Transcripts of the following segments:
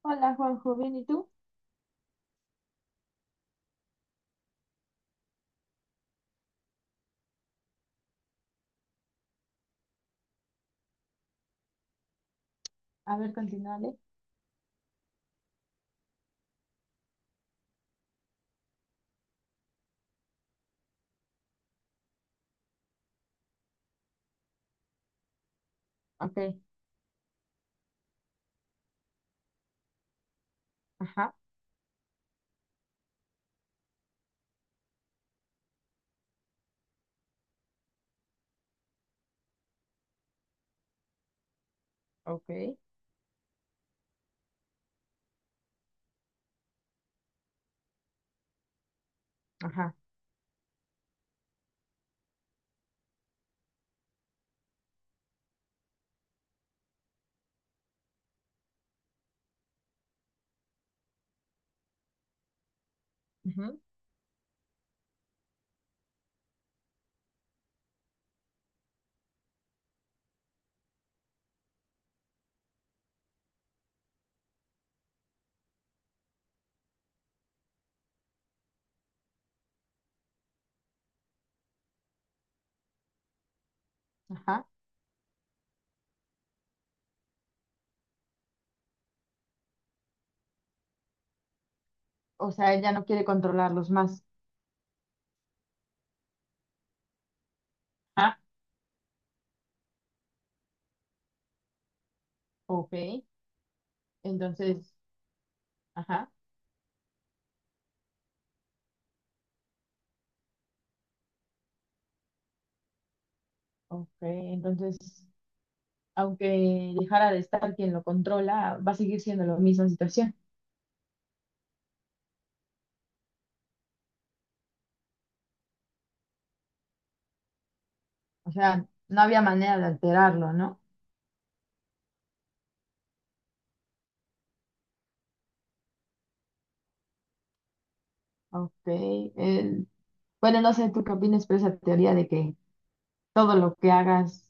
Hola Juanjo, ¿bien y tú? A ver, continúale. Ok, ajá, ok, ajá, ujú, ajá. O sea, él ya no quiere controlarlos más. Ah, ok. Entonces, ajá, ok. Entonces, aunque dejara de estar quien lo controla, va a seguir siendo la misma situación. O sea, no había manera de alterarlo, ¿no? Ok. el, Bueno, no sé tú qué opinas, pero esa teoría de que todo lo que hagas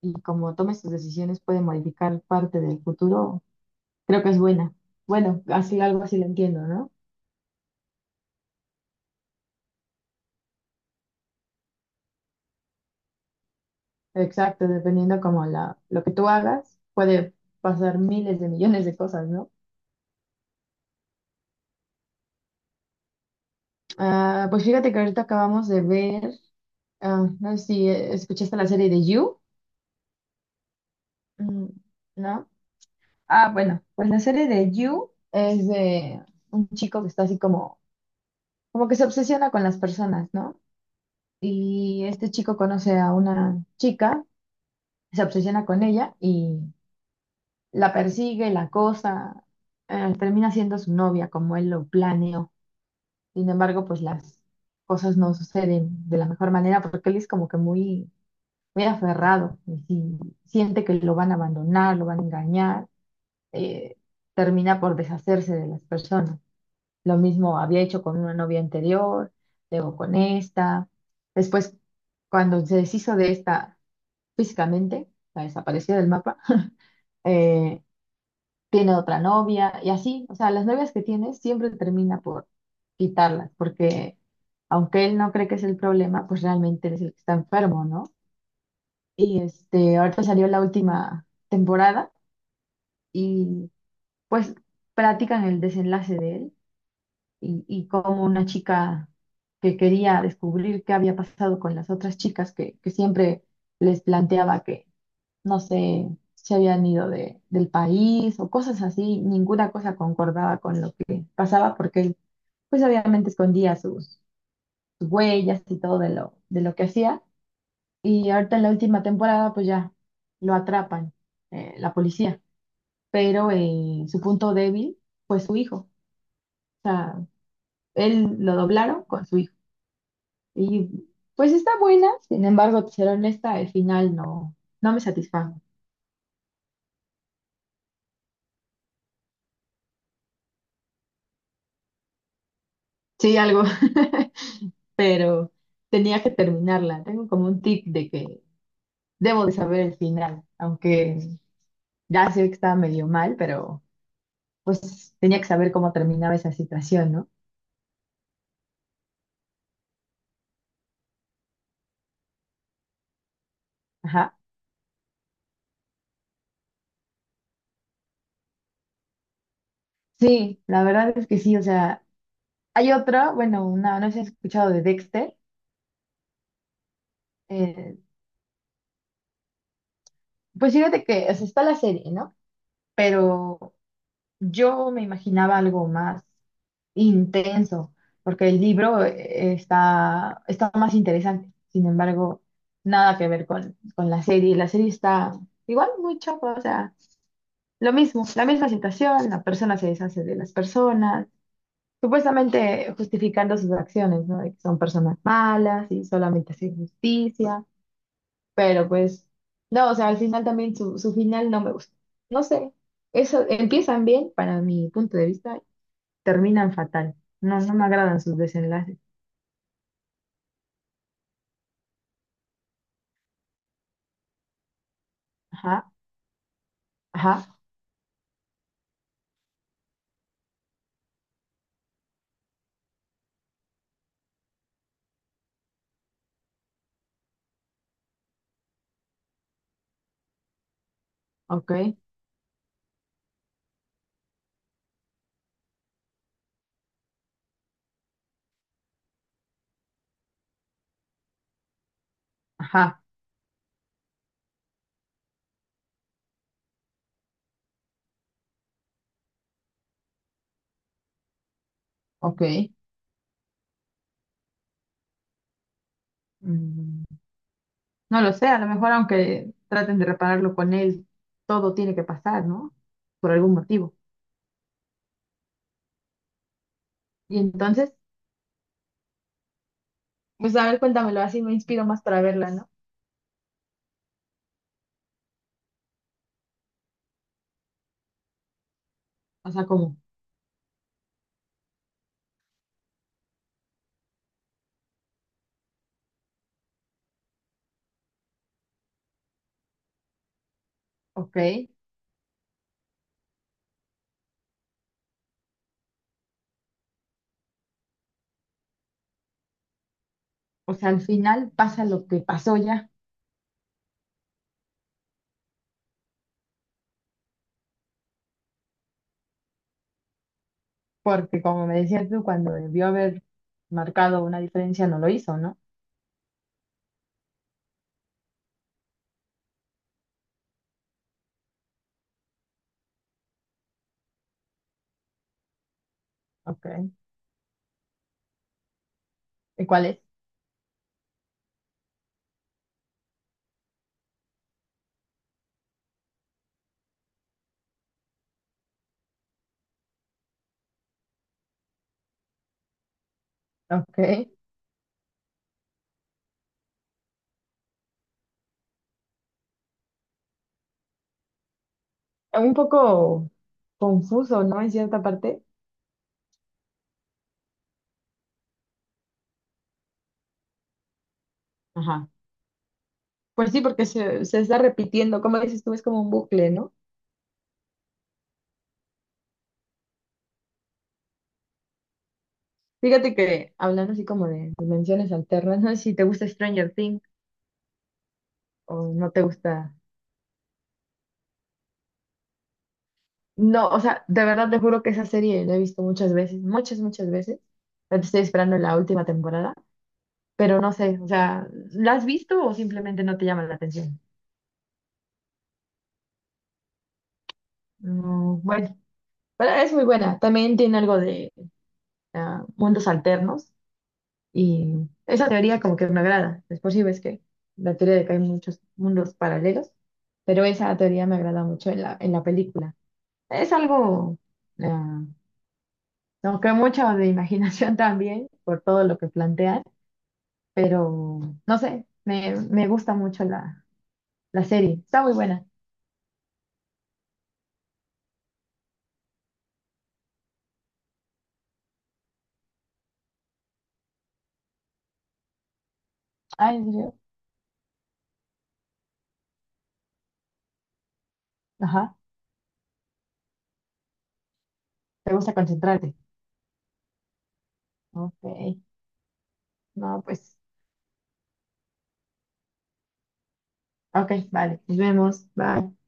y como tomes tus decisiones puede modificar parte del futuro. Creo que es buena. Bueno, así algo así lo entiendo, ¿no? Exacto, dependiendo como la, lo que tú hagas, puede pasar miles de millones de cosas, ¿no? Ah, pues fíjate que ahorita acabamos de ver, ah, no sé si escuchaste la serie de You. Mm, ¿No? Ah, bueno, pues la serie de You es de un chico que está así como que se obsesiona con las personas, ¿no? Y este chico conoce a una chica, se obsesiona con ella y la persigue, la acosa, termina siendo su novia como él lo planeó. Sin embargo, pues las cosas no suceden de la mejor manera porque él es como que muy, muy aferrado y si siente que lo van a abandonar, lo van a engañar, eh, termina por deshacerse de las personas. Lo mismo había hecho con una novia anterior, luego con esta. Después, cuando se deshizo de esta físicamente, la desapareció del mapa, eh, tiene otra novia y así, o sea, las novias que tiene siempre termina por quitarlas, porque aunque él no cree que es el problema, pues realmente él es el que está enfermo, ¿no? Y este, ahorita salió la última temporada y pues platican el desenlace de él y cómo una chica que quería descubrir qué había pasado con las otras chicas que siempre les planteaba que no sé, se habían ido del país o cosas así, ninguna cosa concordaba con lo que pasaba porque él, pues obviamente escondía sus, huellas y todo de lo que hacía. Y ahorita en la última temporada, pues ya lo atrapan, la policía, pero su punto débil fue su hijo. O sea, él lo doblaron con su hijo. Y pues está buena, sin embargo, ser honesta, el final no me satisfajo. Sí, algo. Pero tenía que terminarla. Tengo como un tic de que debo de saber el final, aunque ya sé que estaba medio mal, pero pues tenía que saber cómo terminaba esa situación, ¿no? Ajá. Sí, la verdad es que sí, o sea, hay otra, bueno, una, no sé si has escuchado de Dexter. Eh, pues fíjate que, o sea, está la serie, ¿no? Pero yo me imaginaba algo más intenso, porque el libro está más interesante. Sin embargo, nada que ver con la serie. La serie está igual muy chapa, o sea, lo mismo, la misma situación, la persona se deshace de las personas, supuestamente justificando sus acciones, ¿no? De que son personas malas y solamente hacen justicia, pero pues, no, o sea, al final también su final no me gusta. No sé, eso empiezan bien para mi punto de vista, terminan fatal. No, no me agradan sus desenlaces. Ajá, ajá, ok, ajá, ok. Mm, no lo sé, a lo mejor aunque traten de repararlo con él, todo tiene que pasar, ¿no? Por algún motivo. Y entonces, pues a ver, cuéntamelo, así me inspiro más para verla, ¿no? O sea, ok, o sea, al final pasa lo que pasó ya, porque como me decías tú, cuando debió haber marcado una diferencia, no lo hizo, ¿no? Ok, ¿y cuál es? Ok, un poco confuso, ¿no? En cierta parte. Ajá. Pues sí, porque se está repitiendo, como dices tú, es como un bucle, ¿no? Fíjate que hablando así como de dimensiones alternas, no sé si te gusta Stranger Things o no te gusta. No, o sea, de verdad te juro que esa serie la he visto muchas veces, muchas, muchas veces. Ahorita estoy esperando la última temporada, pero no sé, o sea, ¿la has visto o simplemente no te llama la atención? Bueno, pero es muy buena. También tiene algo de mundos alternos. Y esa teoría como que me agrada. Después sí ves que la teoría de que hay muchos mundos paralelos, pero esa teoría me agrada mucho en la, película. Es algo, eh, como que mucho de imaginación también por todo lo que plantean, pero no sé, me, gusta mucho la serie. Está muy buena. Ah, ¿en serio? Ajá, te gusta concentrarte. Ok, no, pues, ok, vale, nos vemos, bye.